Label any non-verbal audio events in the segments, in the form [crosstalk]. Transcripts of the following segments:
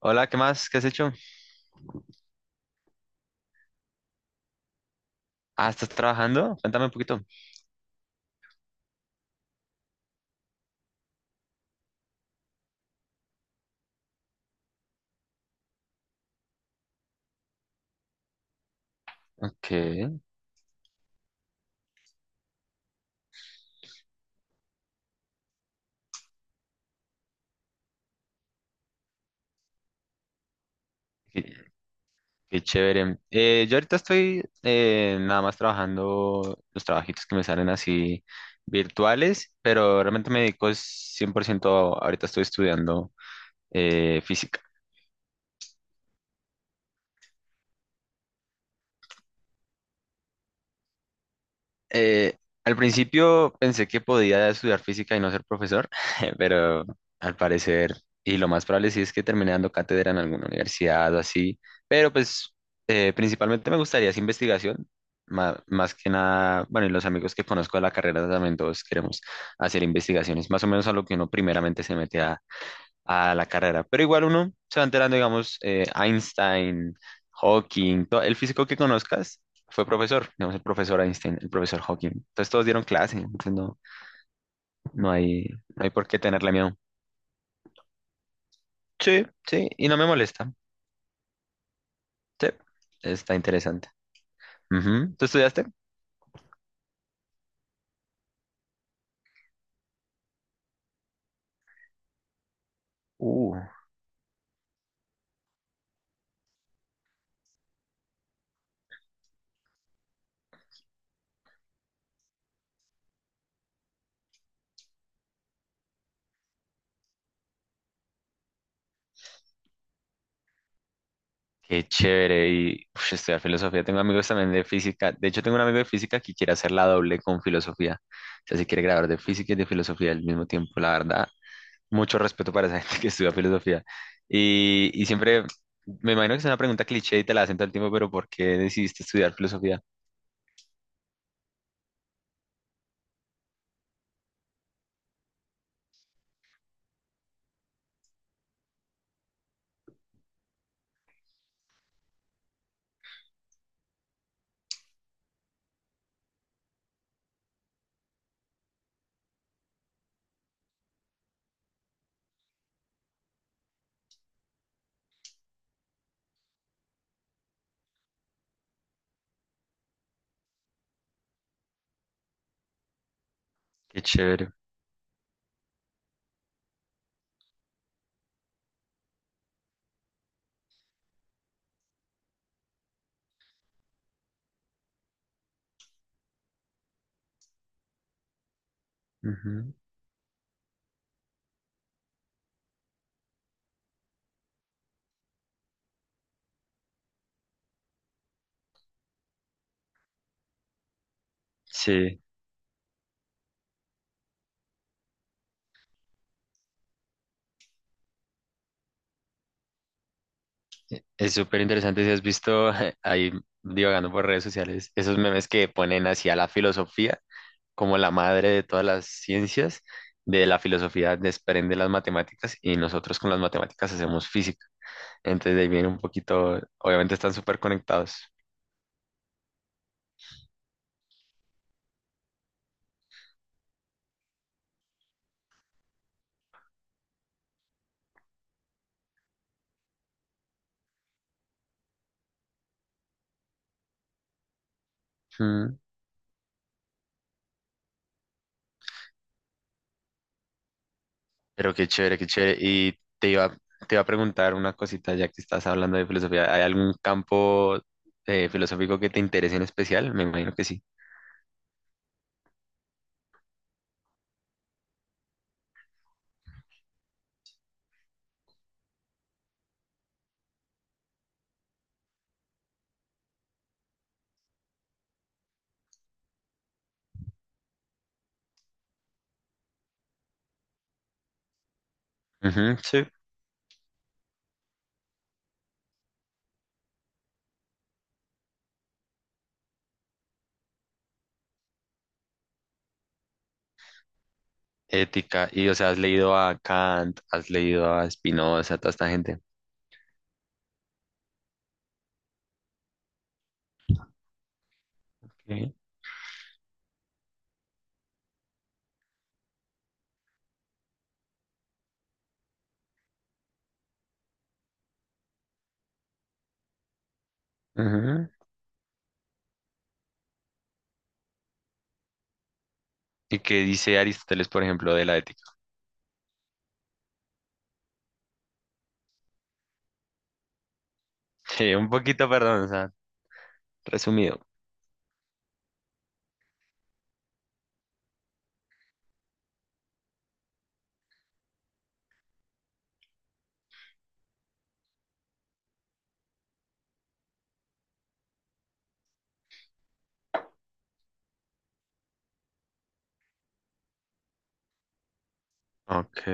Hola, ¿qué más? ¿Qué has hecho? Ah, ¿estás trabajando? Cuéntame un poquito. Ok, qué, qué chévere. Yo ahorita estoy nada más trabajando los trabajitos que me salen así virtuales, pero realmente me dedico es 100%. Ahorita estoy estudiando física. Eh, Al principio pensé que podía estudiar física y no ser profesor, [laughs] pero al parecer, y lo más probable sí es que termine dando cátedra en alguna universidad o así, pero pues principalmente me gustaría esa investigación, más, que nada, bueno, y los amigos que conozco de la carrera también todos queremos hacer investigaciones, más o menos a lo que uno primeramente se mete a la carrera. Pero igual uno se va enterando, digamos, Einstein, Hawking, el físico que conozcas fue profesor, digamos, el profesor Einstein, el profesor Hawking. Entonces todos dieron clase, entonces no, no hay, no hay por qué tenerle miedo. Sí, sí, y no me molesta. Sí, está interesante. Ujú. ¿Tú estudiaste? Uh, qué chévere. Y uf, estudiar filosofía. Tengo amigos también de física. De hecho, tengo un amigo de física que quiere hacer la doble con filosofía. O sea, si quiere graduar de física y de filosofía al mismo tiempo, la verdad. Mucho respeto para esa gente que estudia filosofía. Y siempre, me imagino que es una pregunta cliché y te la hacen todo el tiempo, pero ¿por qué decidiste estudiar filosofía? Qué chévere. Ujú. Sí, es súper interesante si has visto [laughs] ahí divagando por redes sociales esos memes que ponen hacia la filosofía como la madre de todas las ciencias, de la filosofía desprende las matemáticas y nosotros con las matemáticas hacemos física. Entonces de ahí viene un poquito, obviamente están súper conectados. Pero qué chévere, qué chévere. Y te iba a preguntar una cosita, ya que estás hablando de filosofía. ¿Hay algún campo filosófico que te interese en especial? Me imagino que sí. Ujú, sí. Ética. Y, o sea, has leído a Kant, has leído a Spinoza, a toda esta gente. Ok. Ujú. ¿Y qué dice Aristóteles, por ejemplo, de la ética? [laughs] Sí, un poquito, perdón, o sea, resumido. Ok,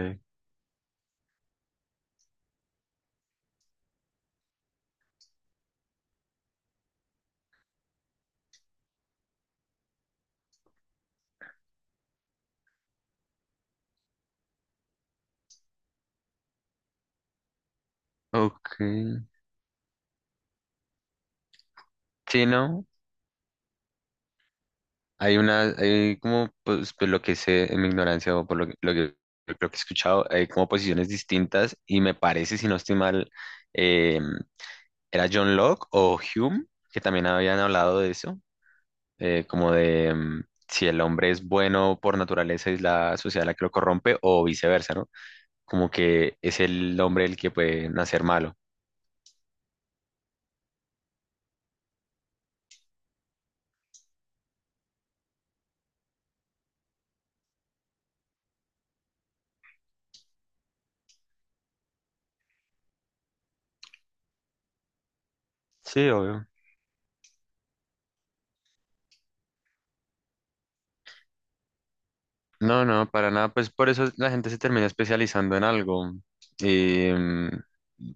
ok. Sí, ¿no? Hay una, hay como, pues, pues, lo que sé en mi ignorancia o por lo, que lo que lo que he escuchado, hay como posiciones distintas y me parece, si no estoy mal, eh, era John Locke o Hume, que también habían hablado de eso, como de si el hombre es bueno por naturaleza es la sociedad la que lo corrompe o viceversa, ¿no? Como que es el hombre el que puede nacer malo. Sí, obvio. No, no, para nada. Pues por eso la gente se termina especializando en algo. Y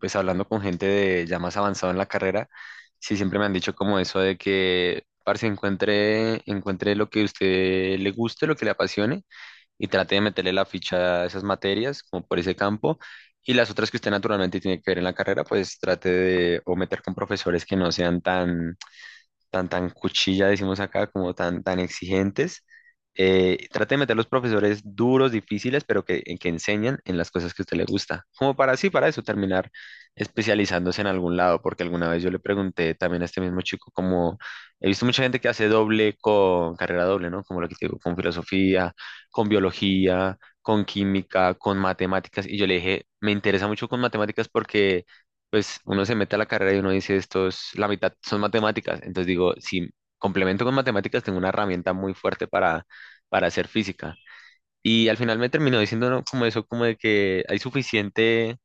pues hablando con gente de ya más avanzado en la carrera, sí siempre me han dicho como eso de que, parce, encuentre, encuentre lo que a usted le guste, lo que le apasione y trate de meterle la ficha a esas materias, como por ese campo. Y las otras que usted naturalmente tiene que ver en la carrera, pues trate de o meter con profesores que no sean tan tan, tan cuchilla, decimos acá, como tan, tan exigentes. Trate de meter los profesores duros, difíciles, pero que, en que enseñan en las cosas que a usted le gusta. Como para así, para eso, terminar especializándose en algún lado, porque alguna vez yo le pregunté también a este mismo chico, como he visto mucha gente que hace doble con carrera doble, ¿no? Como lo que te digo, con filosofía, con biología, con química, con matemáticas. Y yo le dije, me interesa mucho con matemáticas porque pues uno se mete a la carrera y uno dice, estos, la mitad son matemáticas. Entonces digo, si complemento con matemáticas, tengo una herramienta muy fuerte para hacer física. Y al final me terminó diciendo ¿no? como eso, como de que hay suficiente,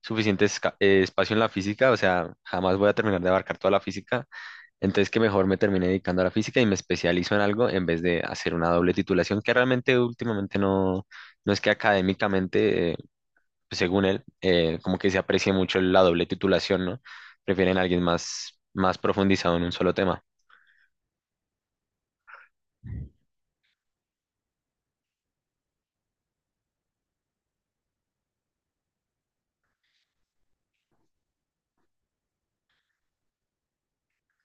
suficiente espacio en la física, o sea, jamás voy a terminar de abarcar toda la física. Entonces que mejor me terminé dedicando a la física y me especializo en algo en vez de hacer una doble titulación, que realmente últimamente no, no es que académicamente pues, según él, como que se aprecia mucho la doble titulación, ¿no? Prefieren a alguien más, más profundizado en un solo tema.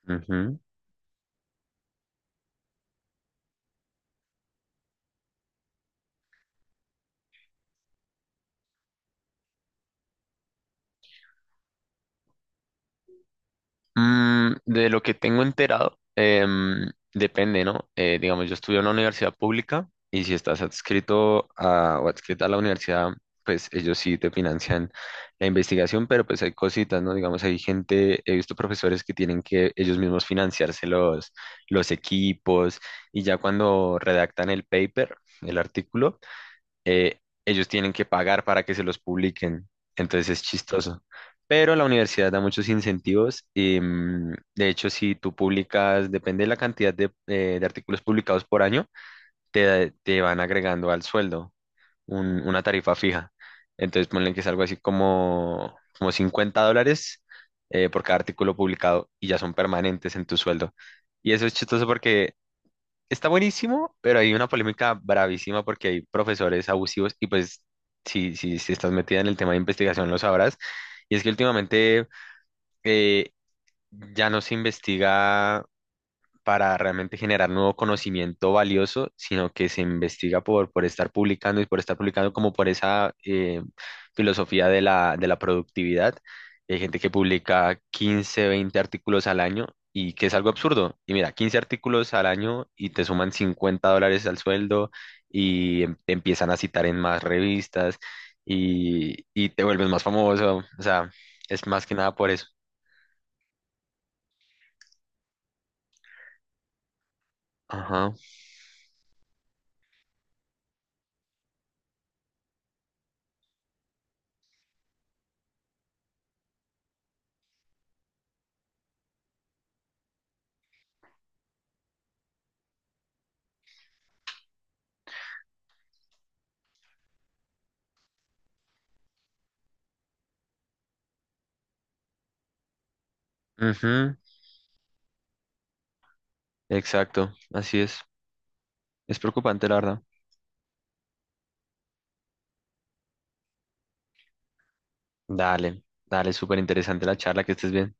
Ujú. Mm, de lo que tengo enterado, depende, ¿no? Digamos, yo estudié en una universidad pública y si estás adscrito a, o adscrita a la universidad, pues ellos sí te financian la investigación, pero pues hay cositas, ¿no? Digamos, hay gente, he visto profesores que tienen que ellos mismos financiarse los equipos y ya cuando redactan el paper, el artículo, eh, ellos tienen que pagar para que se los publiquen. Entonces es chistoso. Pero la universidad da muchos incentivos y de hecho si tú publicas, depende de la cantidad de artículos publicados por año, te van agregando al sueldo una tarifa fija. Entonces ponle que es algo así como, como $50 por cada artículo publicado y ya son permanentes en tu sueldo. Y eso es chistoso porque está buenísimo, pero hay una polémica bravísima porque hay profesores abusivos y pues si, si, si estás metida en el tema de investigación lo sabrás. Y es que últimamente eh, ya no se investiga para realmente generar nuevo conocimiento valioso, sino que se investiga por estar publicando y por estar publicando como por esa filosofía de la productividad. Hay gente que publica 15, 20 artículos al año y que es algo absurdo. Y mira, 15 artículos al año y te suman $50 al sueldo y te empiezan a citar en más revistas y te vuelves más famoso. O sea, es más que nada por eso. Ajá. Ujú, exacto. Así es. Es preocupante, la verdad. Dale, dale, súper interesante la charla, que estés bien.